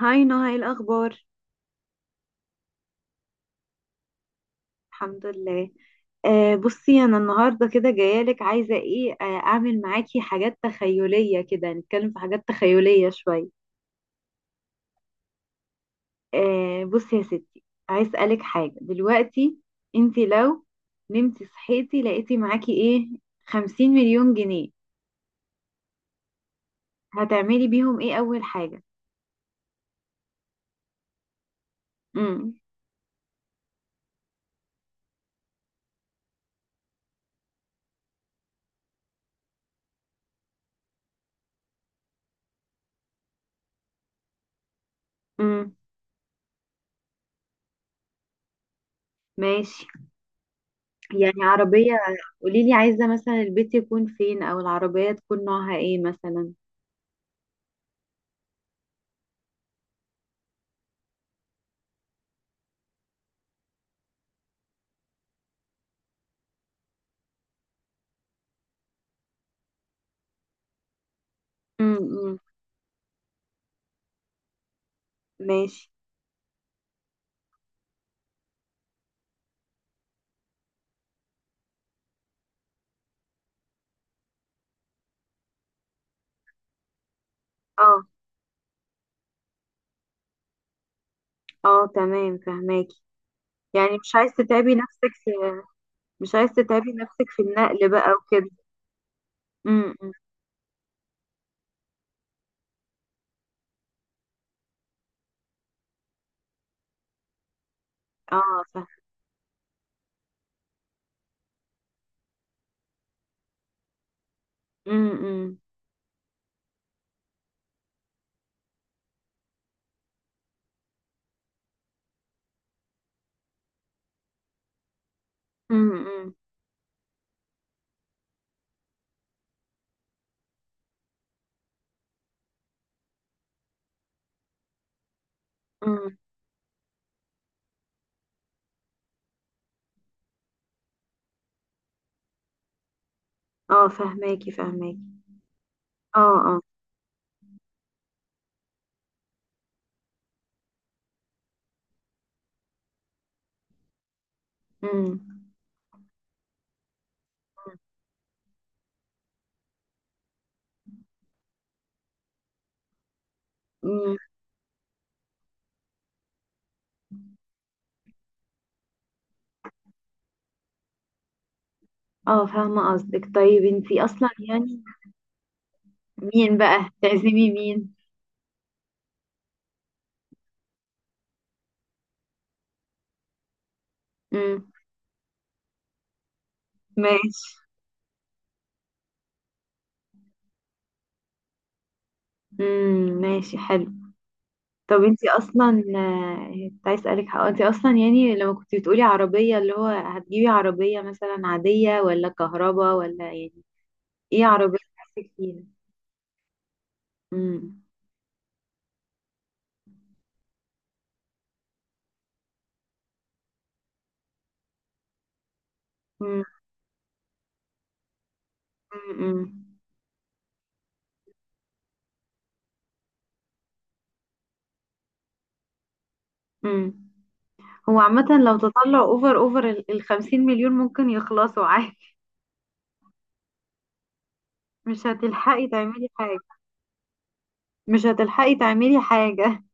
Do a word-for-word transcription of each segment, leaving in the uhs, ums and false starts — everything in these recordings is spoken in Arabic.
هاي نهى، ايه الاخبار؟ الحمد لله. آه بصي انا النهارده كده جايالك، عايزه ايه آه اعمل معاكي حاجات تخيليه كده، نتكلم في حاجات تخيليه شويه. آه بصي يا ستي، عايز اسالك حاجه دلوقتي. انتي لو نمتي صحيتي لقيتي معاكي ايه؟ خمسين مليون جنيه، هتعملي بيهم ايه اول حاجه؟ امم. امم، ماشي. يعني عربيه؟ قوليلي، عايزه مثلا البيت يكون فين؟ او العربيه تكون نوعها ايه مثلا؟ امم. ماشي. اه، اه، تمام، فهماكي. يعني مش عايز تتعبي نفسك في، مش عايز تتعبي نفسك في النقل بقى وكده. امم. اه، فاهم. امم. امم. امم. اه، فهماكي فهماكي. اه. اه. امم امم اه، فاهمة قصدك. طيب انتي اصلا يعني مين بقى تعزمي مين؟ امم، ماشي. امم، ماشي، حلو. طب انتي اصلا، آه، كنت عايز اسالك. حق انتي اصلا يعني لما كنتي بتقولي عربيه، اللي هو هتجيبي عربيه مثلا عاديه ولا كهربا ولا يعني، ايه عربيه نفسك فيها؟ امم. امم. امم. امم. هو عامه لو تطلع اوفر اوفر ال ال خمسين مليون ممكن يخلصوا عادي. مش هتلحقي تعملي حاجه. مش هتلحقي تعملي حاجه.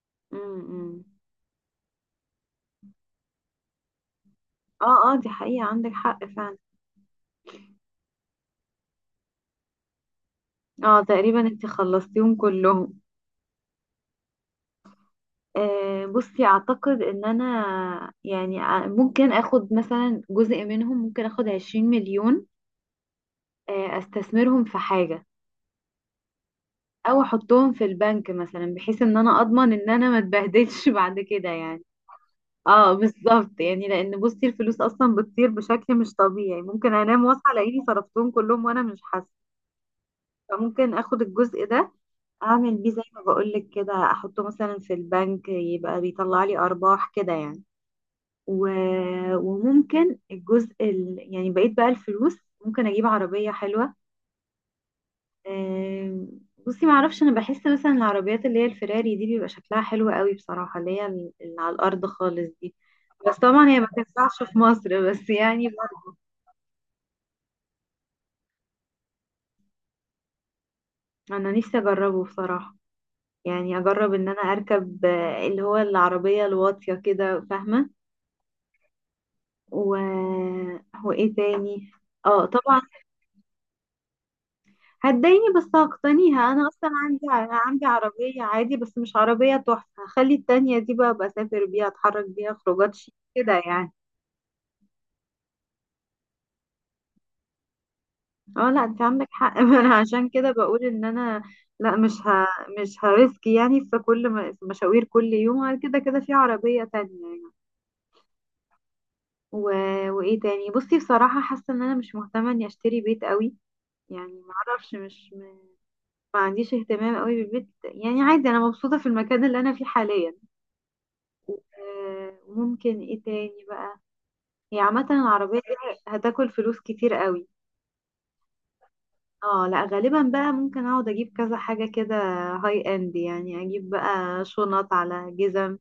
امم. اه، اه، دي حقيقه، عندك حق فعلا. اه، تقريبا انتي خلصتيهم كلهم. آه، بصي اعتقد ان انا يعني ع- ممكن اخد مثلا جزء منهم، ممكن اخد عشرين مليون. آه، استثمرهم في حاجة. او احطهم في البنك مثلا، بحيث ان انا اضمن ان انا ما اتبهدلش بعد كده يعني. اه، بالظبط يعني، لان بصي الفلوس اصلا بتطير بشكل مش طبيعي، ممكن انام واصحى الاقيني صرفتهم كلهم وانا مش حاسة. فممكن اخد الجزء ده، اعمل بيه زي ما بقولك كده، احطه مثلا في البنك، يبقى بيطلع لي ارباح كده يعني. و- وممكن الجزء ال... يعني بقيت بقى الفلوس، ممكن اجيب عربية حلوة. آم، بصي معرفش، انا بحس مثلا العربيات اللي هي الفراري دي بيبقى شكلها حلو قوي بصراحة، اللي هي ال- اللي على الارض خالص دي. بس طبعا هي ما تنفعش في مصر بس يعني. انا نفسي اجربه بصراحة، يعني اجرب ان انا اركب آه، اللي هو العربية الواطية كده، فاهمة؟ و... وايه تاني؟ اه طبعا. هتضايقني بس هقتنيها، انا اصلا عندي عندي عربيه عادي، بس مش عربيه تحفه. هخلي التانية دي بقى بسافر بيها، اتحرك بيها خروجات شيك كده يعني. اه، لا انت عندك حق، ما انا عشان كده بقول ان انا، لا مش ه... مش هريسك يعني في كل م... في مشاوير كل يوم كده كده، في عربيه تانية يعني. و... وايه تاني؟ بصي بصراحه، حاسه ان انا مش مهتمه اني اشتري بيت قوي. يعني معرفش، مش م... ما عنديش اهتمام قوي بالبيت، يعني عادي انا مبسوطه في المكان اللي انا فيه حاليا. آه، وممكن ايه تاني بقى؟ هي عامة العربية دي هتاكل فلوس كتير قوي. اه، لا غالبا بقى ممكن اقعد اجيب كذا حاجة كده، هاي اند، يعني اجيب بقى شنط على جزم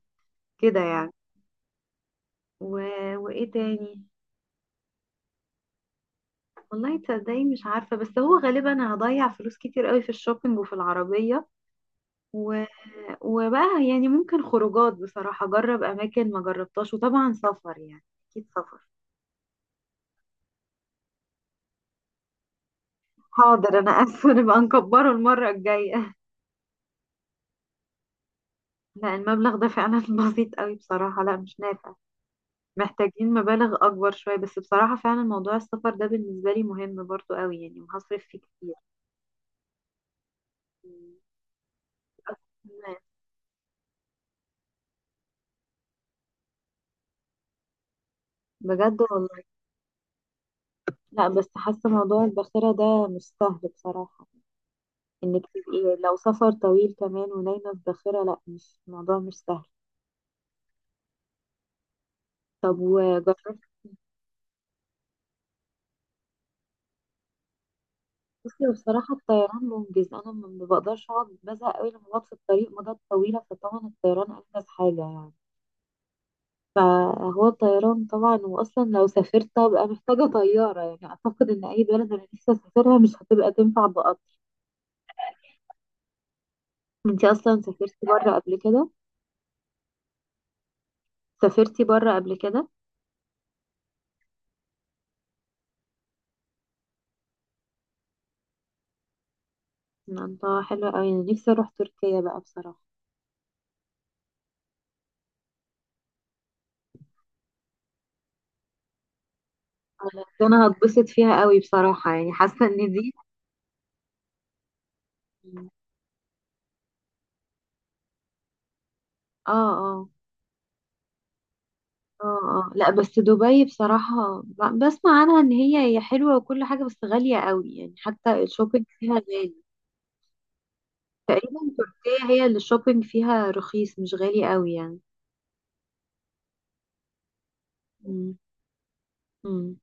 كده يعني. و... وايه تاني؟ والله تصدقي، مش عارفة، بس هو غالبا هضيع فلوس كتير قوي في الشوبينج وفي العربية. و... وبقى يعني ممكن خروجات، بصراحة اجرب اماكن ما جربتهاش، وطبعا سفر يعني، اكيد سفر. حاضر، انا اسفة، نبقى نكبره المرة الجاية. لا، المبلغ ده فعلا بسيط قوي بصراحة، لا مش نافع. محتاجين مبالغ أكبر شوية. بس بصراحة فعلا موضوع السفر ده بالنسبة لي مهم برضو قوي يعني، وهصرف فيه كتير. لا، بجد والله. لا، بس حاسة موضوع الباخرة ده مش سهل بصراحة، إنك تبقي لو سفر طويل كمان ونايمة في باخرة، لا، مش الموضوع مش سهل. طب وجربت؟ بصي بصراحة الطيران منجز، أنا ما ما بقدرش أقعد، بزهق قوي لما بقعد في الطريق مدة طويلة، فطبعا الطيران أنجز حاجة يعني. فهو الطيران طبعا، واصلا لو سافرت هبقى محتاجه طياره، يعني اعتقد ان اي بلد انا نفسي اسافرها مش هتبقى تنفع بقطر. انتي اصلا سافرتي بره قبل كده؟ سافرتي بره قبل كده؟ الله، حلوه قوي، انا نفسي اروح تركيا بقى بصراحه. انا أنا هتبسط فيها قوي بصراحه، يعني حاسه ان دي، اه، اه، اه، اه، لا بس دبي بصراحه ب- بسمع عنها ان هي هي حلوه وكل حاجه بس غاليه قوي يعني، حتى الشوبينج فيها غالي. تقريبا تركيا هي اللي الشوبينج فيها رخيص، مش غالي قوي يعني. مم. مم.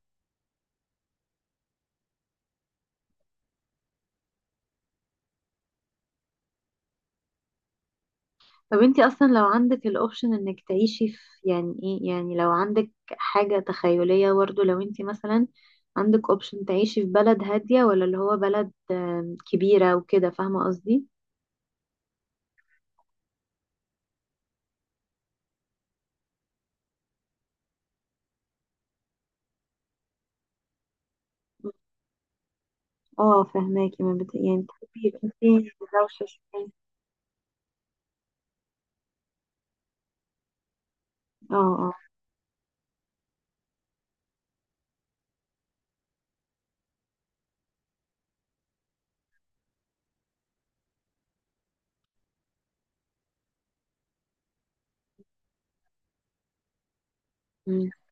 طب انتي اصلا لو عندك الاوبشن انك تعيشي في، يعني ايه، يعني لو عندك حاجة تخيلية برضه، لو انتي مثلا عندك اوبشن تعيشي في بلد هادية ولا اللي هو بلد آم، كبيرة وكده، فاهمة قصدي؟ اه، فهماكي، ما بت... يعني تحبي يكون فيه دوشة شوية؟ اه، اه.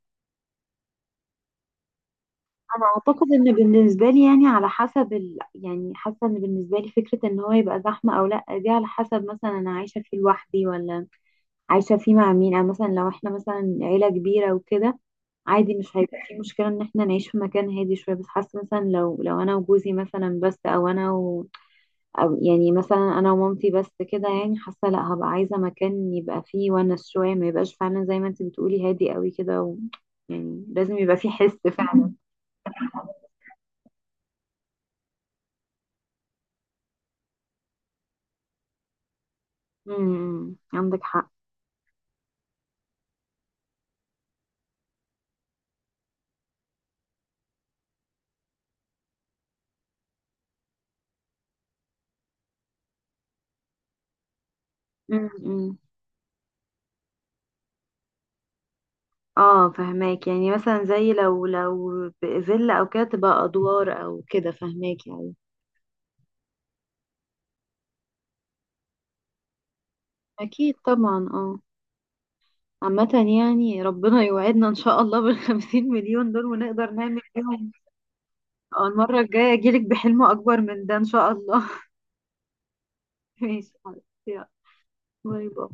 انا اعتقد ان بالنسبه لي يعني على حسب ال... يعني حاسه ان بالنسبه لي فكره ان هو يبقى زحمه او لا، دي على حسب مثلا انا عايشه فيه لوحدي ولا عايشه فيه مع مين، او مثلا لو احنا مثلا عيله كبيره وكده، عادي مش هيبقى في مشكله ان احنا نعيش في مكان هادي شويه. بس حاسه مثلا لو لو انا وجوزي مثلا بس، او انا و... او يعني مثلا انا ومامتي بس كده، يعني حاسه لا، هبقى عايزه مكان يبقى فيه ونس شويه، ما يبقاش فعلا زي ما انت بتقولي هادي قوي كده و... يعني لازم يبقى فيه حس فعلا. امم، عندك حق. امم. اه، فهماك، يعني مثلا زي لو لو فيلا او كده، تبقى ادوار او كده، فهماك يعني. اكيد طبعا، اه. عامة، يعني ربنا يوعدنا ان شاء الله بالخمسين مليون دول ونقدر نعمل بيهم. آه، المرة الجاية اجيلك بحلم اكبر من ده ان شاء الله. ماشي حبيبتي، يلا. باي باي.